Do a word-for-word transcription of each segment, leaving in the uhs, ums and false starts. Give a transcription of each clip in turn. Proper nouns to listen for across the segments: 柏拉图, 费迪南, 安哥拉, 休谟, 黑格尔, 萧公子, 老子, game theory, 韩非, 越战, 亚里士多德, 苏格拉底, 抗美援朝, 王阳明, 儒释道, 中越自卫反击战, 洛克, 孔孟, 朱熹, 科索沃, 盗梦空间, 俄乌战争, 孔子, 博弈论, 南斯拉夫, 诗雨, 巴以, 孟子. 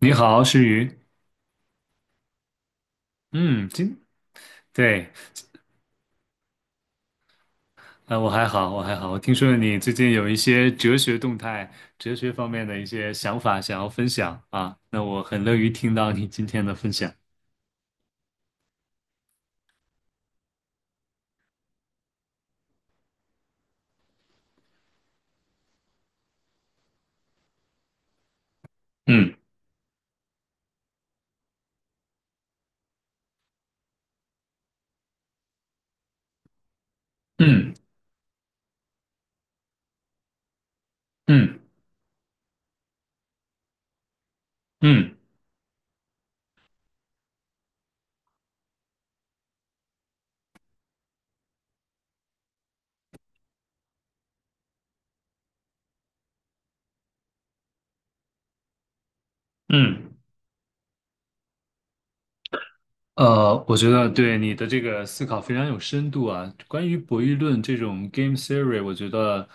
你好，诗雨。嗯，今对，啊、我还好，我还好。我听说你最近有一些哲学动态、哲学方面的一些想法想要分享啊，那我很乐于听到你今天的分享。嗯嗯嗯嗯嗯。呃，我觉得对你的这个思考非常有深度啊。关于博弈论这种 game theory，我觉得，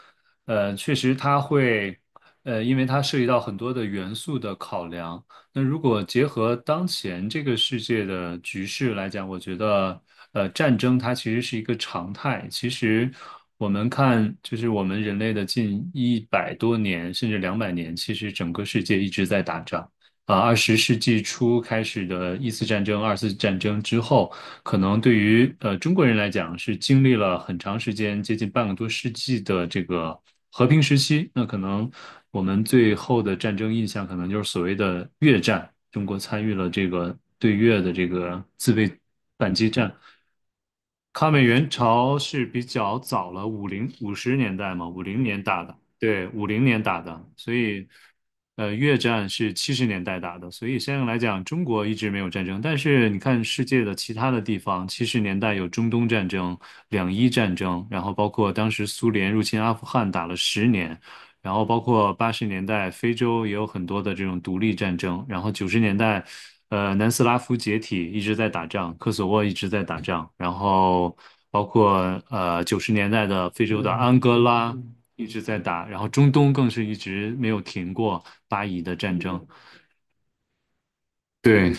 呃，确实它会，呃，因为它涉及到很多的元素的考量。那如果结合当前这个世界的局势来讲，我觉得，呃，战争它其实是一个常态。其实我们看，就是我们人类的近一百多年，甚至两百年，其实整个世界一直在打仗。啊，二十世纪初开始的一次战争、二次战争之后，可能对于呃中国人来讲是经历了很长时间，接近半个多世纪的这个和平时期。那可能我们最后的战争印象，可能就是所谓的越战，中国参与了这个对越的这个自卫反击战。抗美援朝是比较早了，五零五十年代嘛，五零年打的，对，五零年打的，所以，呃，越战是七十年代打的，所以相应来讲，中国一直没有战争。但是你看世界的其他的地方，七十年代有中东战争、两伊战争，然后包括当时苏联入侵阿富汗打了十年，然后包括八十年代非洲也有很多的这种独立战争，然后九十年代，呃，南斯拉夫解体一直在打仗，科索沃一直在打仗，然后包括呃九十年代的非洲的安哥拉一直在打，然后中东更是一直没有停过巴以的战争。对，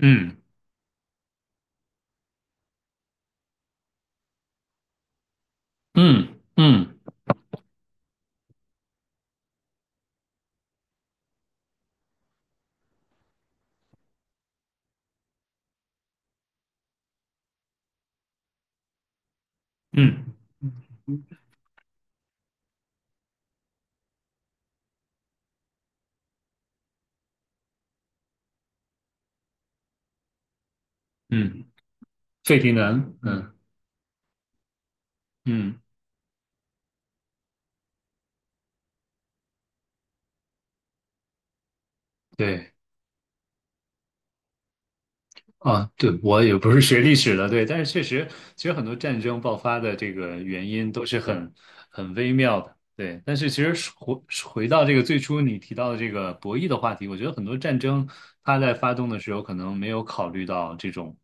嗯嗯嗯嗯嗯，费迪南，嗯嗯，对。啊，对，我也不是学历史的，对，但是确实，其实很多战争爆发的这个原因都是很很微妙的，对。但是其实回回到这个最初你提到的这个博弈的话题，我觉得很多战争它在发动的时候可能没有考虑到这种。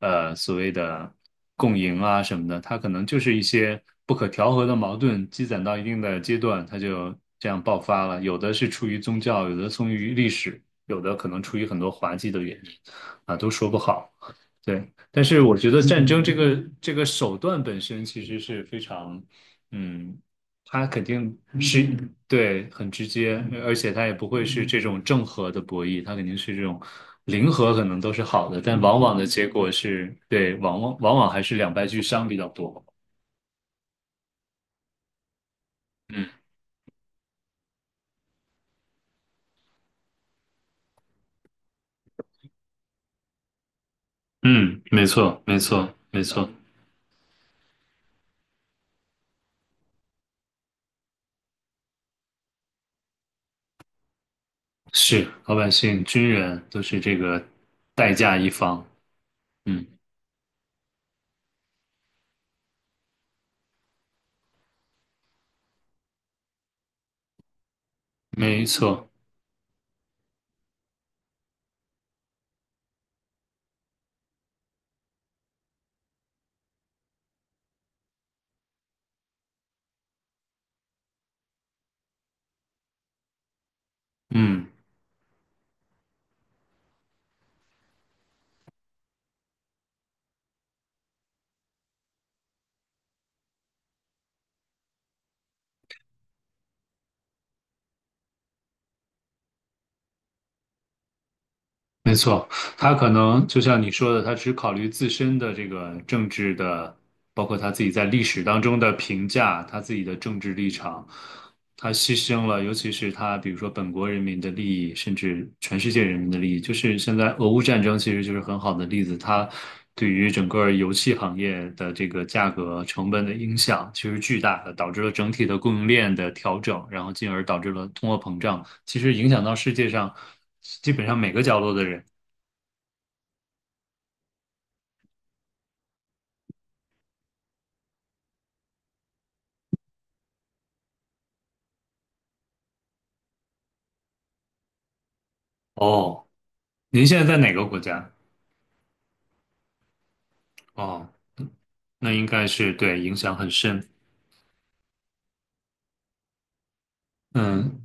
呃所谓的共赢啊什么的，它可能就是一些不可调和的矛盾积攒到一定的阶段，它就这样爆发了。有的是出于宗教，有的出于历史，有的可能出于很多滑稽的原因啊，都说不好。对，但是我觉得战争这个这个手段本身其实是非常，嗯，它肯定是对很直接，而且它也不会是这种正和的博弈，它肯定是这种零和，可能都是好的，但往往的结果是，对，往往往往还是两败俱伤比较多。嗯，没错，没错，没错，是老百姓、军人都是这个代价一方。嗯，没错，嗯。没错，他可能就像你说的，他只考虑自身的这个政治的，包括他自己在历史当中的评价，他自己的政治立场，他牺牲了，尤其是他比如说本国人民的利益，甚至全世界人民的利益。就是现在俄乌战争其实就是很好的例子，它对于整个油气行业的这个价格成本的影响其实巨大的，导致了整体的供应链的调整，然后进而导致了通货膨胀，其实影响到世界上基本上每个角落的人。哦，您现在在哪个国家？哦，那应该是对影响很深。嗯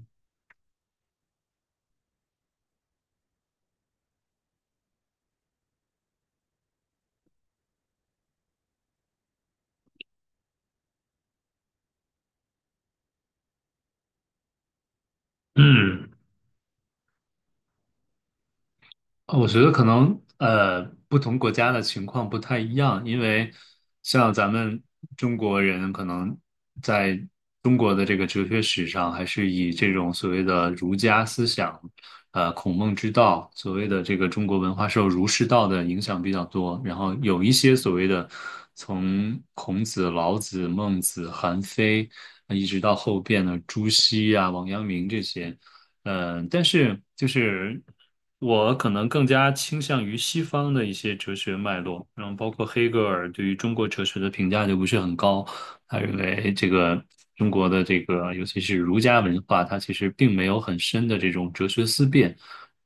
嗯，呃我觉得可能呃，不同国家的情况不太一样，因为像咱们中国人可能在中国的这个哲学史上，还是以这种所谓的儒家思想，呃，孔孟之道，所谓的这个中国文化受儒释道的影响比较多，然后有一些所谓的从孔子、老子、孟子、韩非，一直到后边的朱熹啊、王阳明这些。嗯，但是就是我可能更加倾向于西方的一些哲学脉络，然后包括黑格尔对于中国哲学的评价就不是很高，他认为这个中国的这个尤其是儒家文化，它其实并没有很深的这种哲学思辨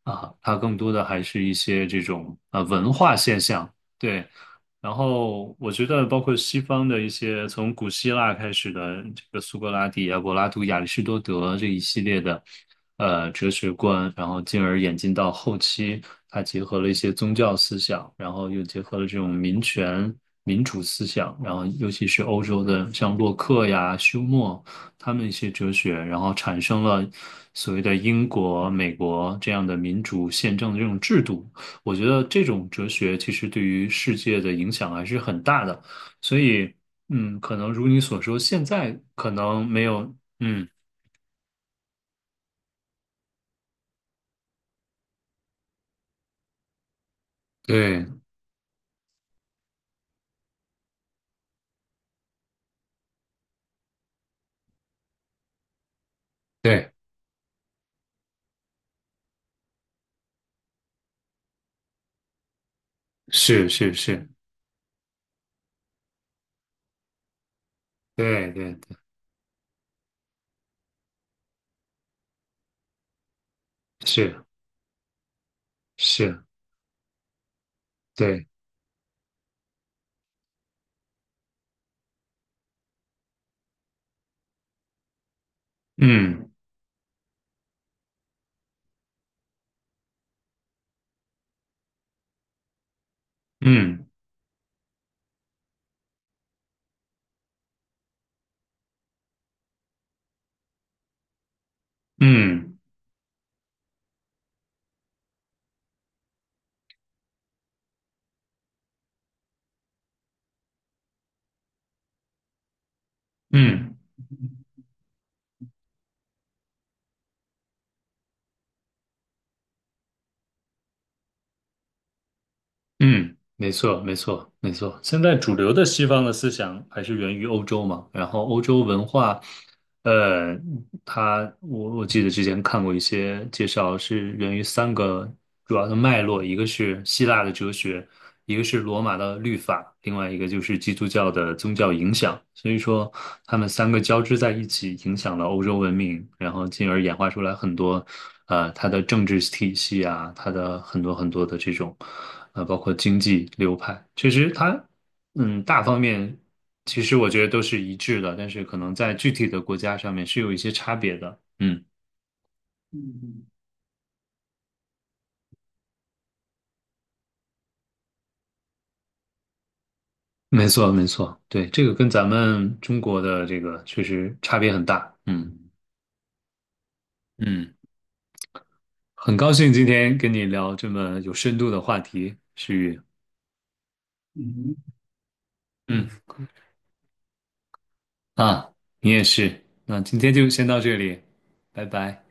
啊，它更多的还是一些这种啊文化现象，对。然后我觉得，包括西方的一些从古希腊开始的这个苏格拉底啊、柏拉图、亚里士多德这一系列的呃哲学观，然后进而演进到后期，它结合了一些宗教思想，然后又结合了这种民权、民主思想，然后尤其是欧洲的像洛克呀、休谟他们一些哲学，然后产生了所谓的英国、美国这样的民主宪政的这种制度。我觉得这种哲学其实对于世界的影响还是很大的，所以，嗯，可能如你所说，现在可能没有，嗯，对对，是是是，对对对，是是，对，嗯嗯嗯嗯嗯，没错没错没错。现在主流的西方的思想还是源于欧洲嘛，然后欧洲文化。呃，它我我记得之前看过一些介绍，是源于三个主要的脉络，一个是希腊的哲学，一个是罗马的律法，另外一个就是基督教的宗教影响。所以说，他们三个交织在一起，影响了欧洲文明，然后进而演化出来很多，呃，它的政治体系啊，它的很多很多的这种，呃，包括经济流派。其实它，嗯，大方面其实我觉得都是一致的，但是可能在具体的国家上面是有一些差别的。嗯，嗯，没错，没错，对，这个跟咱们中国的这个确实差别很大。嗯嗯，很高兴今天跟你聊这么有深度的话题，诗雨。嗯，啊，你也是。那今天就先到这里，拜拜。